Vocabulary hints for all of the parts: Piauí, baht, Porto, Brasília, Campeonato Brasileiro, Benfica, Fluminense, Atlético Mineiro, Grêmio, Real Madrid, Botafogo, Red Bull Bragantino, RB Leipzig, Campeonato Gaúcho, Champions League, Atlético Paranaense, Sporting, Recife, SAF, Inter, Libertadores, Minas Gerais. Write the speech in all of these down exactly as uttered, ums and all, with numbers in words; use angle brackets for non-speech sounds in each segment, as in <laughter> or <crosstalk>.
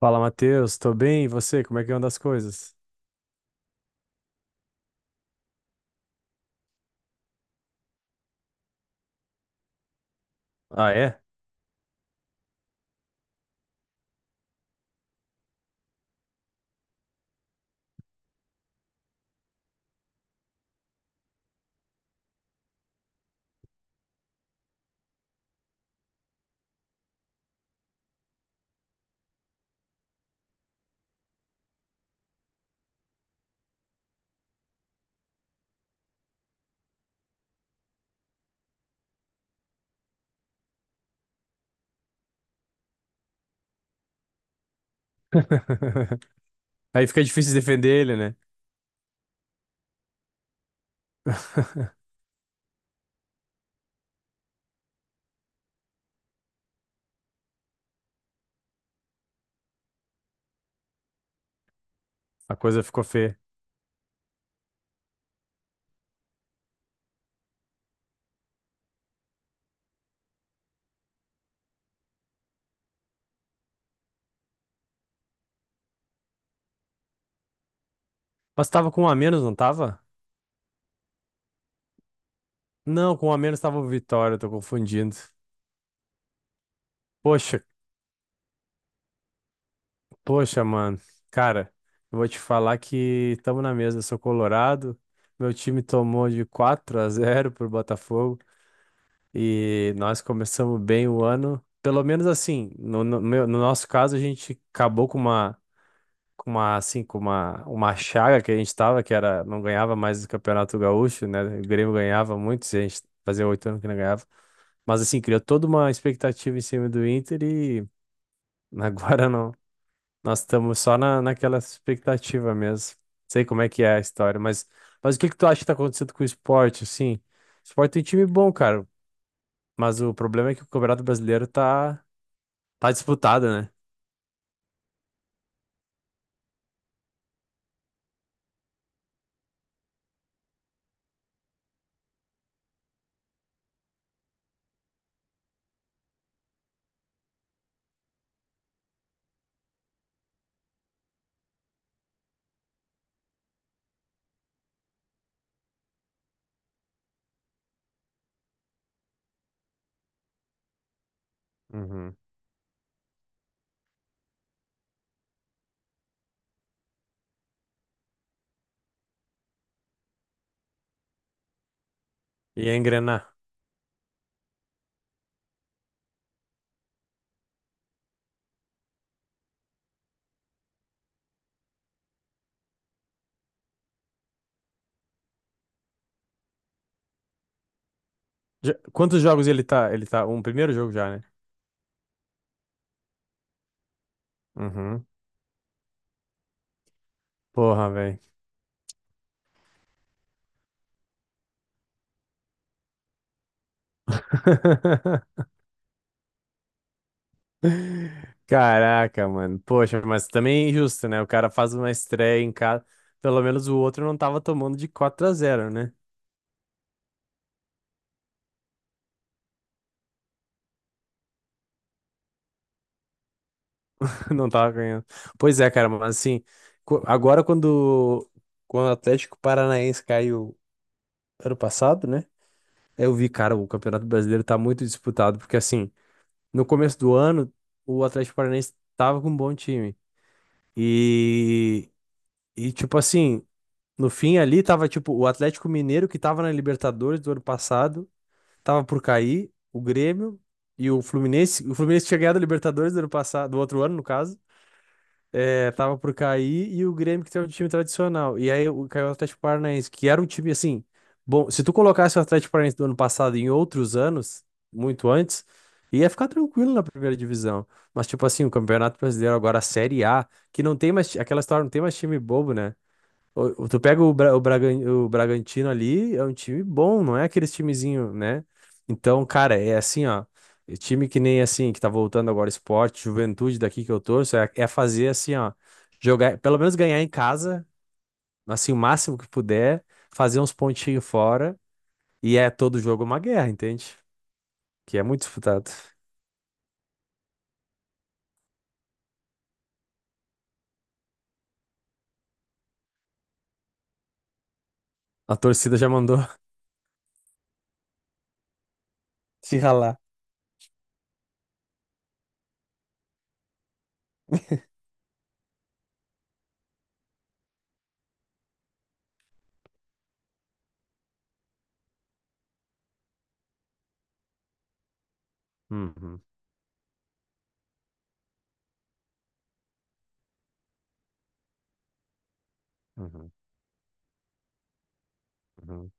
Fala, Matheus, tô bem, e você? Como é que anda as coisas? Ah, é? <laughs> Aí fica difícil defender ele, né? <laughs> A coisa ficou feia. Mas tava com um a menos, não tava? Não, com um a menos tava o Vitória, tô confundindo. Poxa, poxa, mano. Cara, eu vou te falar que tamo na mesa, eu sou colorado. Meu time tomou de quatro a zero pro Botafogo e nós começamos bem o ano. Pelo menos assim, no, no meu- no nosso caso, a gente acabou com uma com uma, assim, com uma, uma chaga que a gente tava, que era, não ganhava mais o Campeonato Gaúcho, né? O Grêmio ganhava muito, se a gente fazia oito anos que não ganhava. Mas assim, criou toda uma expectativa em cima do Inter e <laughs> agora não. Nós estamos só na, naquela expectativa mesmo. Sei como é que é a história, mas, mas o que que tu acha que tá acontecendo com o esporte, assim? O esporte tem time bom, cara, mas o problema é que o Campeonato Brasileiro tá, tá disputado, né? Uhum. E é engrenar. Já- quantos jogos ele tá? Ele tá. Um primeiro jogo já, né? Uhum. Porra, velho. <laughs> Caraca, mano. Poxa, mas também é injusto, né? O cara faz uma estreia em casa. Pelo menos o outro não tava tomando de quatro a zero, né? <laughs> Não tava ganhando. Pois é, cara, mas assim, co- agora quando, quando o Atlético Paranaense caiu ano passado, né? Eu vi, cara, o Campeonato Brasileiro tá muito disputado, porque assim, no começo do ano, o Atlético Paranaense tava com um bom time. E, e tipo assim. No fim ali tava tipo o Atlético Mineiro que tava na Libertadores do ano passado, tava por cair, o Grêmio e o Fluminense, o Fluminense tinha ganhado a Libertadores do ano passado, do outro ano no caso, é, tava por cair, e o Grêmio que tem um time tradicional. E aí o- caiu o Atlético Paranaense, que era um time assim, bom, se tu colocasse o Atlético Paranaense do ano passado em outros anos, muito antes, ia ficar tranquilo na primeira divisão. Mas tipo assim, o Campeonato Brasileiro agora a Série A, que não tem mais aquela história, não tem mais time bobo, né? o- o- Tu pega o, Bra- o, Bragan- o Bragantino ali, é um time bom, não é aqueles timezinho, né? Então, cara, é assim, ó. E time que nem assim, que tá voltando agora, esporte, juventude daqui que eu torço, é, é fazer assim, ó. Jogar, pelo menos ganhar em casa, assim, o máximo que puder, fazer uns pontinhos fora, e é todo jogo uma guerra, entende? Que é muito disputado. A torcida já mandou. <laughs> Se ralar. Uhum, uhum, uhum.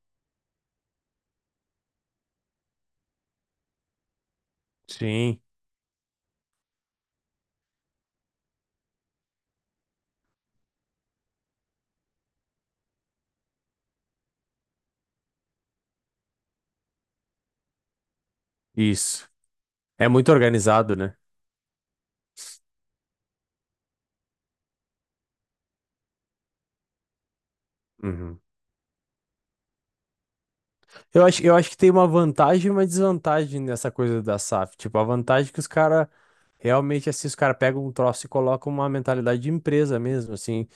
Sim, isso. É muito organizado, né? Uhum. Eu acho, eu acho que tem uma vantagem e uma desvantagem nessa coisa da S A F. Tipo, a vantagem é que os caras realmente, assim, os caras pegam um troço e colocam uma mentalidade de empresa mesmo, assim.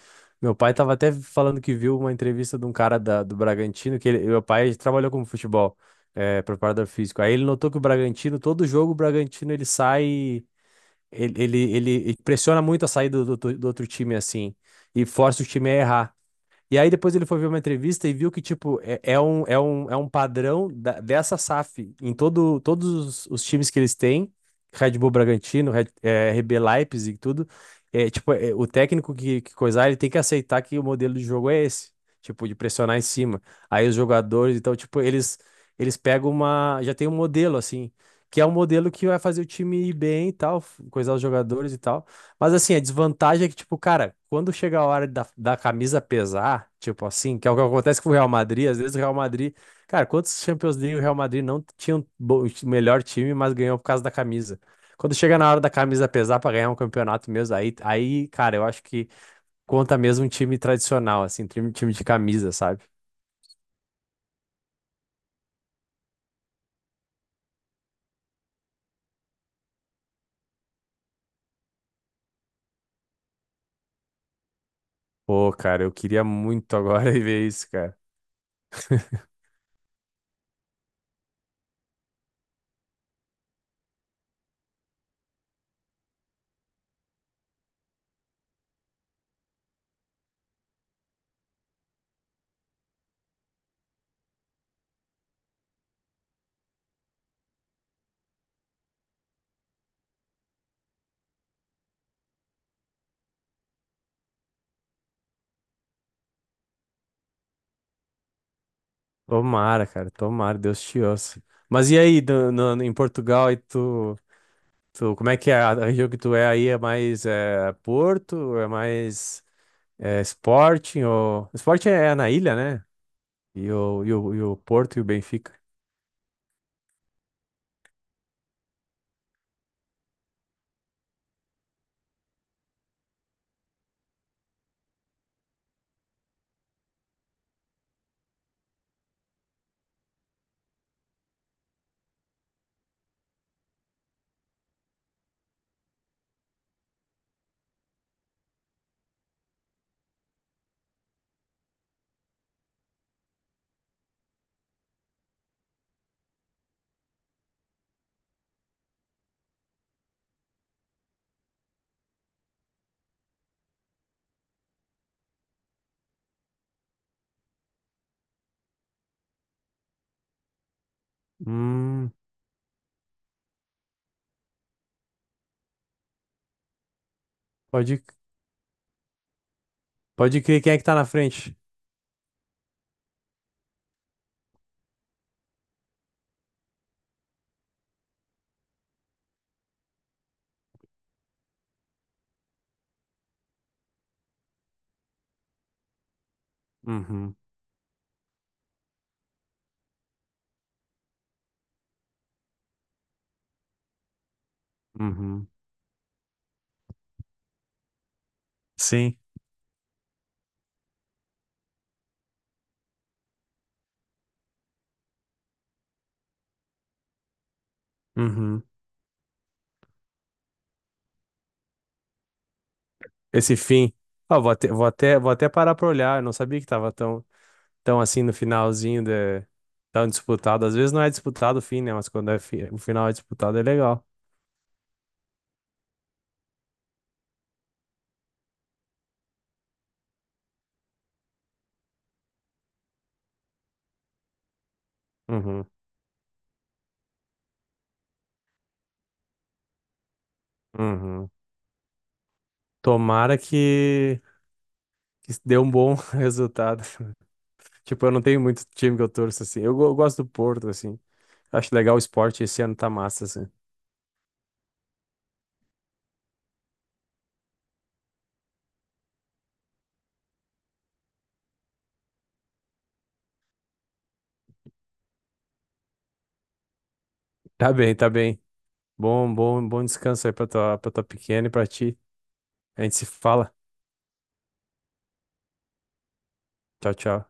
Meu pai tava até falando que viu uma entrevista de um cara da, do Bragantino, que ele- meu pai trabalhou como futebol, é, preparador físico. Aí ele notou que o Bragantino, todo jogo, o Bragantino ele sai, ele, ele, ele, ele pressiona muito a saída do, do do outro time, assim, e força o time a errar. E aí depois ele foi ver uma entrevista e viu que, tipo, é, é um, é um, é um padrão da- dessa S A F em todo, todos os, os times que eles têm, Red Bull Bragantino, Red, é, R B Leipzig e tudo. É, tipo, é, o técnico que, que coisar, ele tem que aceitar que o modelo de jogo é esse, tipo, de pressionar em cima. Aí os jogadores, então, tipo, eles, eles pegam uma... Já tem um modelo, assim, que é um modelo que vai fazer o time ir bem e tal, coisar os jogadores e tal. Mas assim, a desvantagem é que, tipo, cara, quando chega a hora da, da camisa pesar, tipo assim, que é o que acontece com o Real Madrid, às vezes o Real Madrid, cara, quantos Champions League o Real Madrid não tinha um bom- melhor time, mas ganhou por causa da camisa. Quando chega na hora da camisa pesar pra ganhar um campeonato mesmo, aí, aí, cara, eu acho que conta mesmo um time tradicional, assim, um time, time de camisa, sabe? Pô, cara, eu queria muito agora <laughs> ver isso, cara. <laughs> Tomara, cara, tomara, Deus te ouça. Mas e aí, no- no- em Portugal, aí tu. Tu, como é que é? A região que tu é aí é mais é, Porto, é mais é, Sporting, ou... Sporting é é na ilha, né? E o, e o, e o Porto e o Benfica. Hum, pode, pode crer quem é que tá na frente. Uhum, uhum, sim, uhum. Esse fim. Ah, vou até, vou até, vou até parar pra olhar, eu não sabia que tava tão, tão assim no finalzinho, de, tão disputado. Às vezes não é disputado o fim, né? Mas quando é fi- o final é disputado é legal. Uhum, uhum. Tomara que... que deu um bom <laughs> resultado. Tipo, eu não tenho muito time que eu torço assim. Eu, go- eu gosto do Porto, assim. Acho legal o esporte. Esse ano tá massa, assim. Tá bem, tá bem. Bom, bom, bom descanso aí pra tua, pra tua pequena e pra ti. A gente se fala. Tchau, tchau.